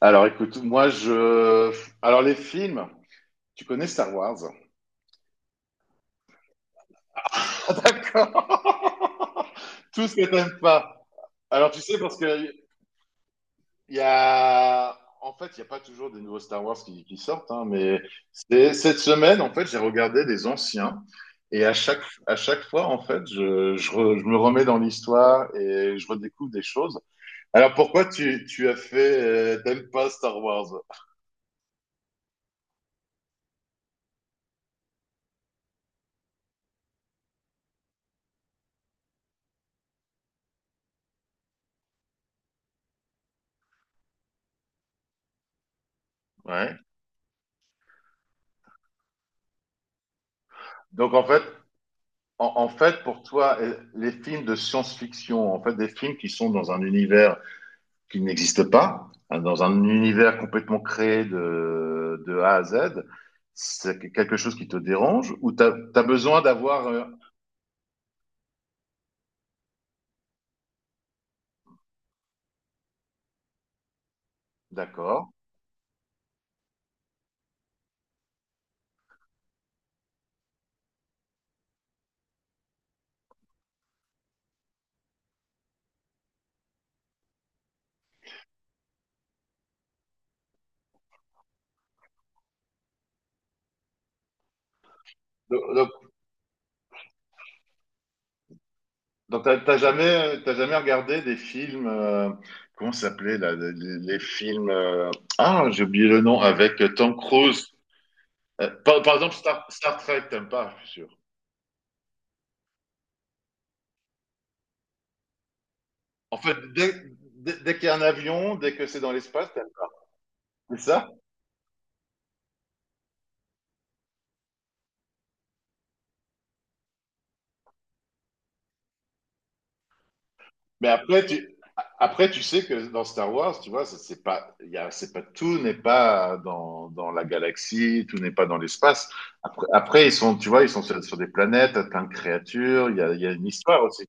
Alors écoute, moi je. Alors les films, tu connais Star Wars? Ah, d'accord. Tout ce que t'aimes pas. Alors tu sais, parce que il y a. Il n'y a pas toujours des nouveaux Star Wars qui sortent, hein, mais cette semaine, en fait, j'ai regardé des anciens. Et à chaque fois, en fait, je me remets dans l'histoire et je redécouvre des choses. Alors pourquoi tu as fait. T'aimes pas Star Wars? Ouais. Donc en fait, en fait, pour toi, les films de science-fiction, en fait, des films qui sont dans un univers qui n'existe pas, hein, dans un univers complètement créé de A à Z, c'est quelque chose qui te dérange ou besoin d'avoir... D'accord. Donc, donc, t'as jamais, t'as jamais regardé des films... comment ça s'appelait là, les films... ah, j'ai oublié le nom, avec Tom Cruise. Par exemple, Star Trek, t'aimes pas, je suis sûr. En fait, dès, dès, Dès qu'il y a un avion, dès que c'est dans l'espace, c'est ça. Mais après, tu sais que dans Star Wars, tu vois, c'est pas, il y a- c'est pas, tout n'est pas dans la galaxie, tout n'est pas dans l'espace. Après, tu vois, ils sont sur des planètes, plein de créatures, il y a une histoire aussi.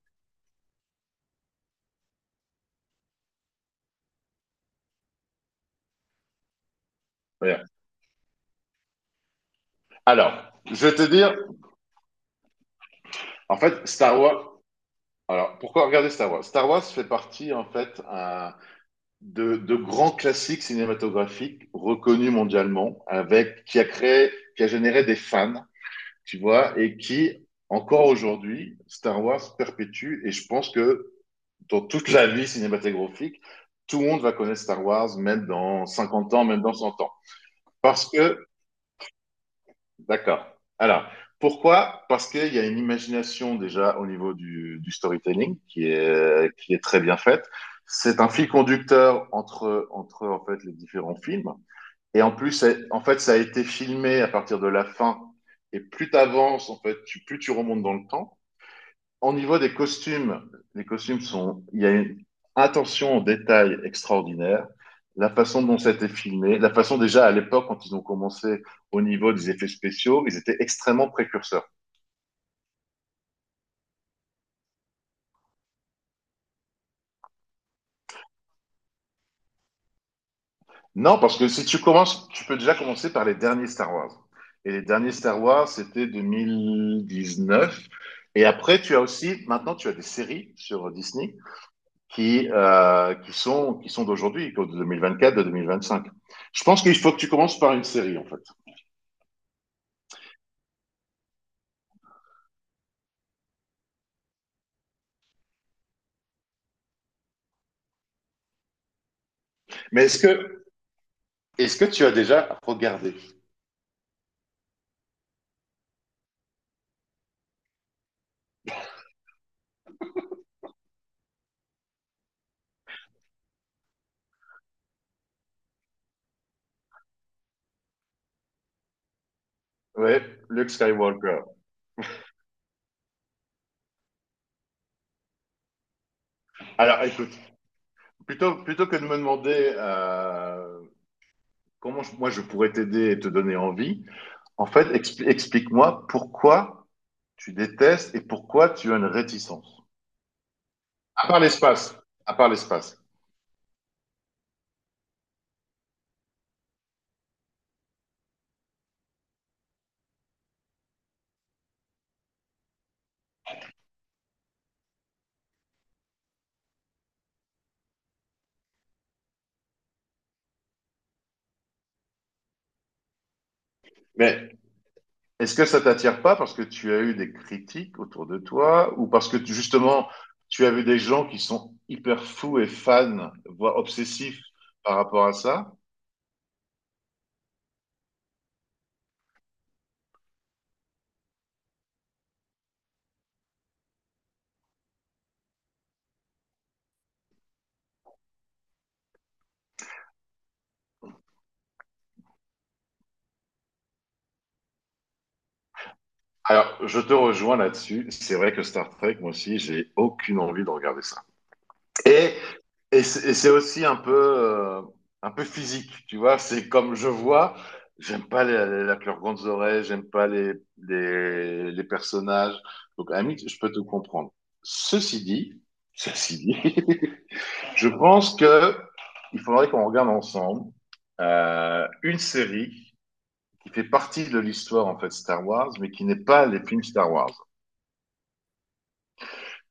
Voilà. Alors, je vais te dire, en fait, Star Wars, alors, pourquoi regarder Star Wars? Star Wars fait partie, en fait, de grands classiques cinématographiques reconnus mondialement, avec qui a créé, qui a généré des fans, tu vois, et qui encore aujourd'hui, Star Wars perpétue. Et je pense que dans toute la vie cinématographique, tout le monde va connaître Star Wars, même dans 50 ans, même dans 100 ans, parce que, d'accord. Alors, pourquoi? Parce qu'il y a une imagination déjà au niveau du storytelling qui est très bien faite. C'est un fil conducteur entre en fait les différents films. Et en plus, en fait, ça a été filmé à partir de la fin. Et plus tu avances, en fait, plus tu remontes dans le temps. Au niveau des costumes, il y a une attention au détail extraordinaire. La façon dont ça a été filmé, la façon déjà à l'époque, quand ils ont commencé au niveau des effets spéciaux, ils étaient extrêmement précurseurs. Non, parce que si tu commences, tu peux déjà commencer par les derniers Star Wars. Et les derniers Star Wars, c'était 2019. Et après, tu as aussi, maintenant, tu as des séries sur Disney qui, qui sont d'aujourd'hui, de 2024, de 2025. Je pense qu'il faut que tu commences par une série, en fait. Mais est-ce que tu as déjà regardé ouais, Luke Skywalker. Alors, écoute, plutôt que de me demander moi je pourrais t'aider et te donner envie, en fait, explique-moi pourquoi tu détestes et pourquoi tu as une réticence. À part l'espace. À part l'espace. Mais est-ce que ça t'attire pas parce que tu as eu des critiques autour de toi ou parce que justement tu as vu des gens qui sont hyper fous et fans, voire obsessifs par rapport à ça? Alors, je te rejoins là-dessus. C'est vrai que Star Trek, moi aussi, j'ai aucune envie de regarder ça. Et, et c'est aussi un peu physique, tu vois. C'est comme je vois, j'aime pas les, les- la leurs grandes oreilles, j'aime pas les personnages. Donc, à la limite, je peux te comprendre. Ceci dit, ceci dit, je pense que il faudrait qu'on regarde ensemble une série qui fait partie de l'histoire, en fait, Star Wars, mais qui n'est pas les films Star Wars.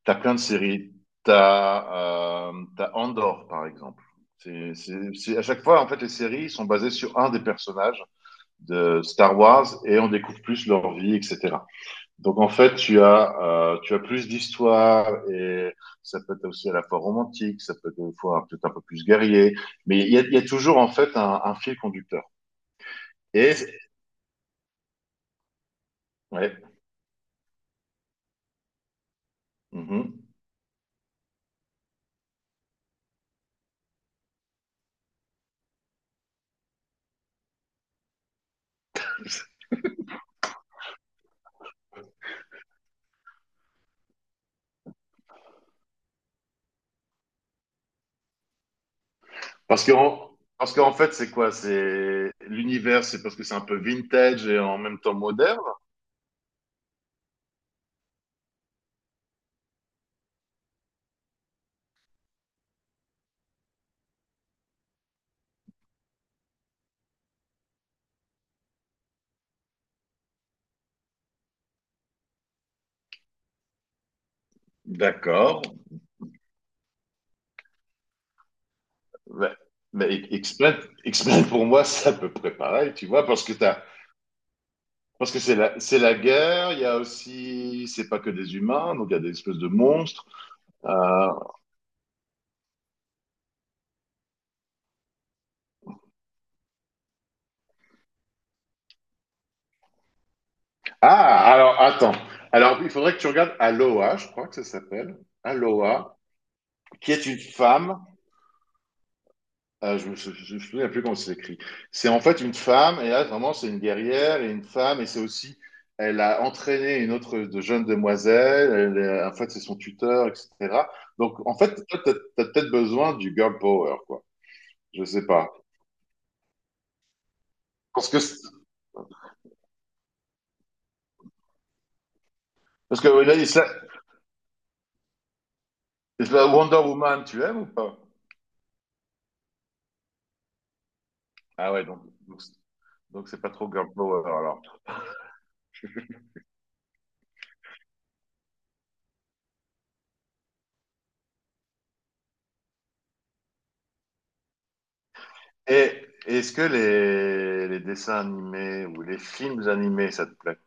T'as plein de séries. T'as Andor, par exemple. À chaque fois, en fait, les séries sont basées sur un des personnages de Star Wars et on découvre plus leur vie, etc. Donc, en fait, tu as plus d'histoires et ça peut être aussi à la fois romantique, ça peut être des fois peut-être un peu plus guerrier, mais il y a toujours, en fait, un fil conducteur. Et, ouais, mhm. Parce parce qu'en fait, c'est quoi? C'est l'univers, c'est parce que c'est un peu vintage et en même temps moderne. D'accord. Ouais. Mais explain, explain pour moi, c'est à peu près pareil, tu vois, parce que parce que c'est c'est la guerre. Il y a aussi, c'est pas que des humains, donc il y a des espèces de monstres. Euh, Ah, alors attends. Alors il faudrait que tu regardes Aloha, je crois que ça s'appelle Aloha, qui est une femme. Ah, je me souviens plus comment c'est écrit. C'est en fait une femme, et là, vraiment, c'est une guerrière et une femme, et c'est aussi, elle a entraîné une autre de jeune demoiselle, en fait, c'est son tuteur, etc. Donc, en fait, toi, t'as peut-être besoin du girl power, quoi. Je sais pas. Parce que ouais, là, la Wonder Woman, tu aimes ou pas? Ah ouais, donc, c'est- donc c'est pas trop girl power, alors. Et est-ce que les dessins animés ou les films animés, ça te plaît?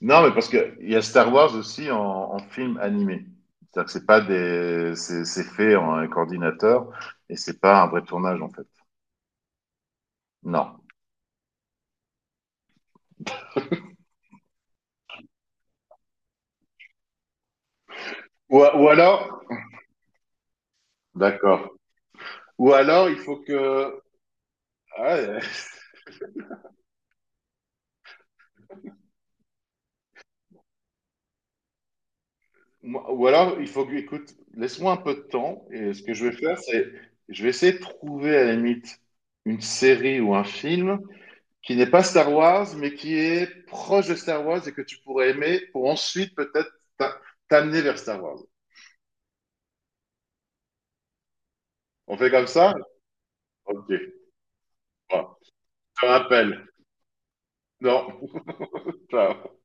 Non, mais parce que il y a Star Wars aussi en film animé. C'est-à-dire que c'est pas des, c'est fait en un coordinateur et c'est pas un vrai tournage en fait. Non. Ou, ou alors, d'accord. Ou alors il faut ah, ouais. Moi- ou alors il faut que, Écoute, laisse-moi un peu de temps et ce que je vais faire, c'est, je vais essayer de trouver à la limite une série ou un film qui n'est pas Star Wars mais qui est proche de Star Wars et que tu pourrais aimer pour ensuite peut-être t'a- t'amener vers Star Wars. On fait comme ça? Ok. Bon, je te rappelle. Non, ciao.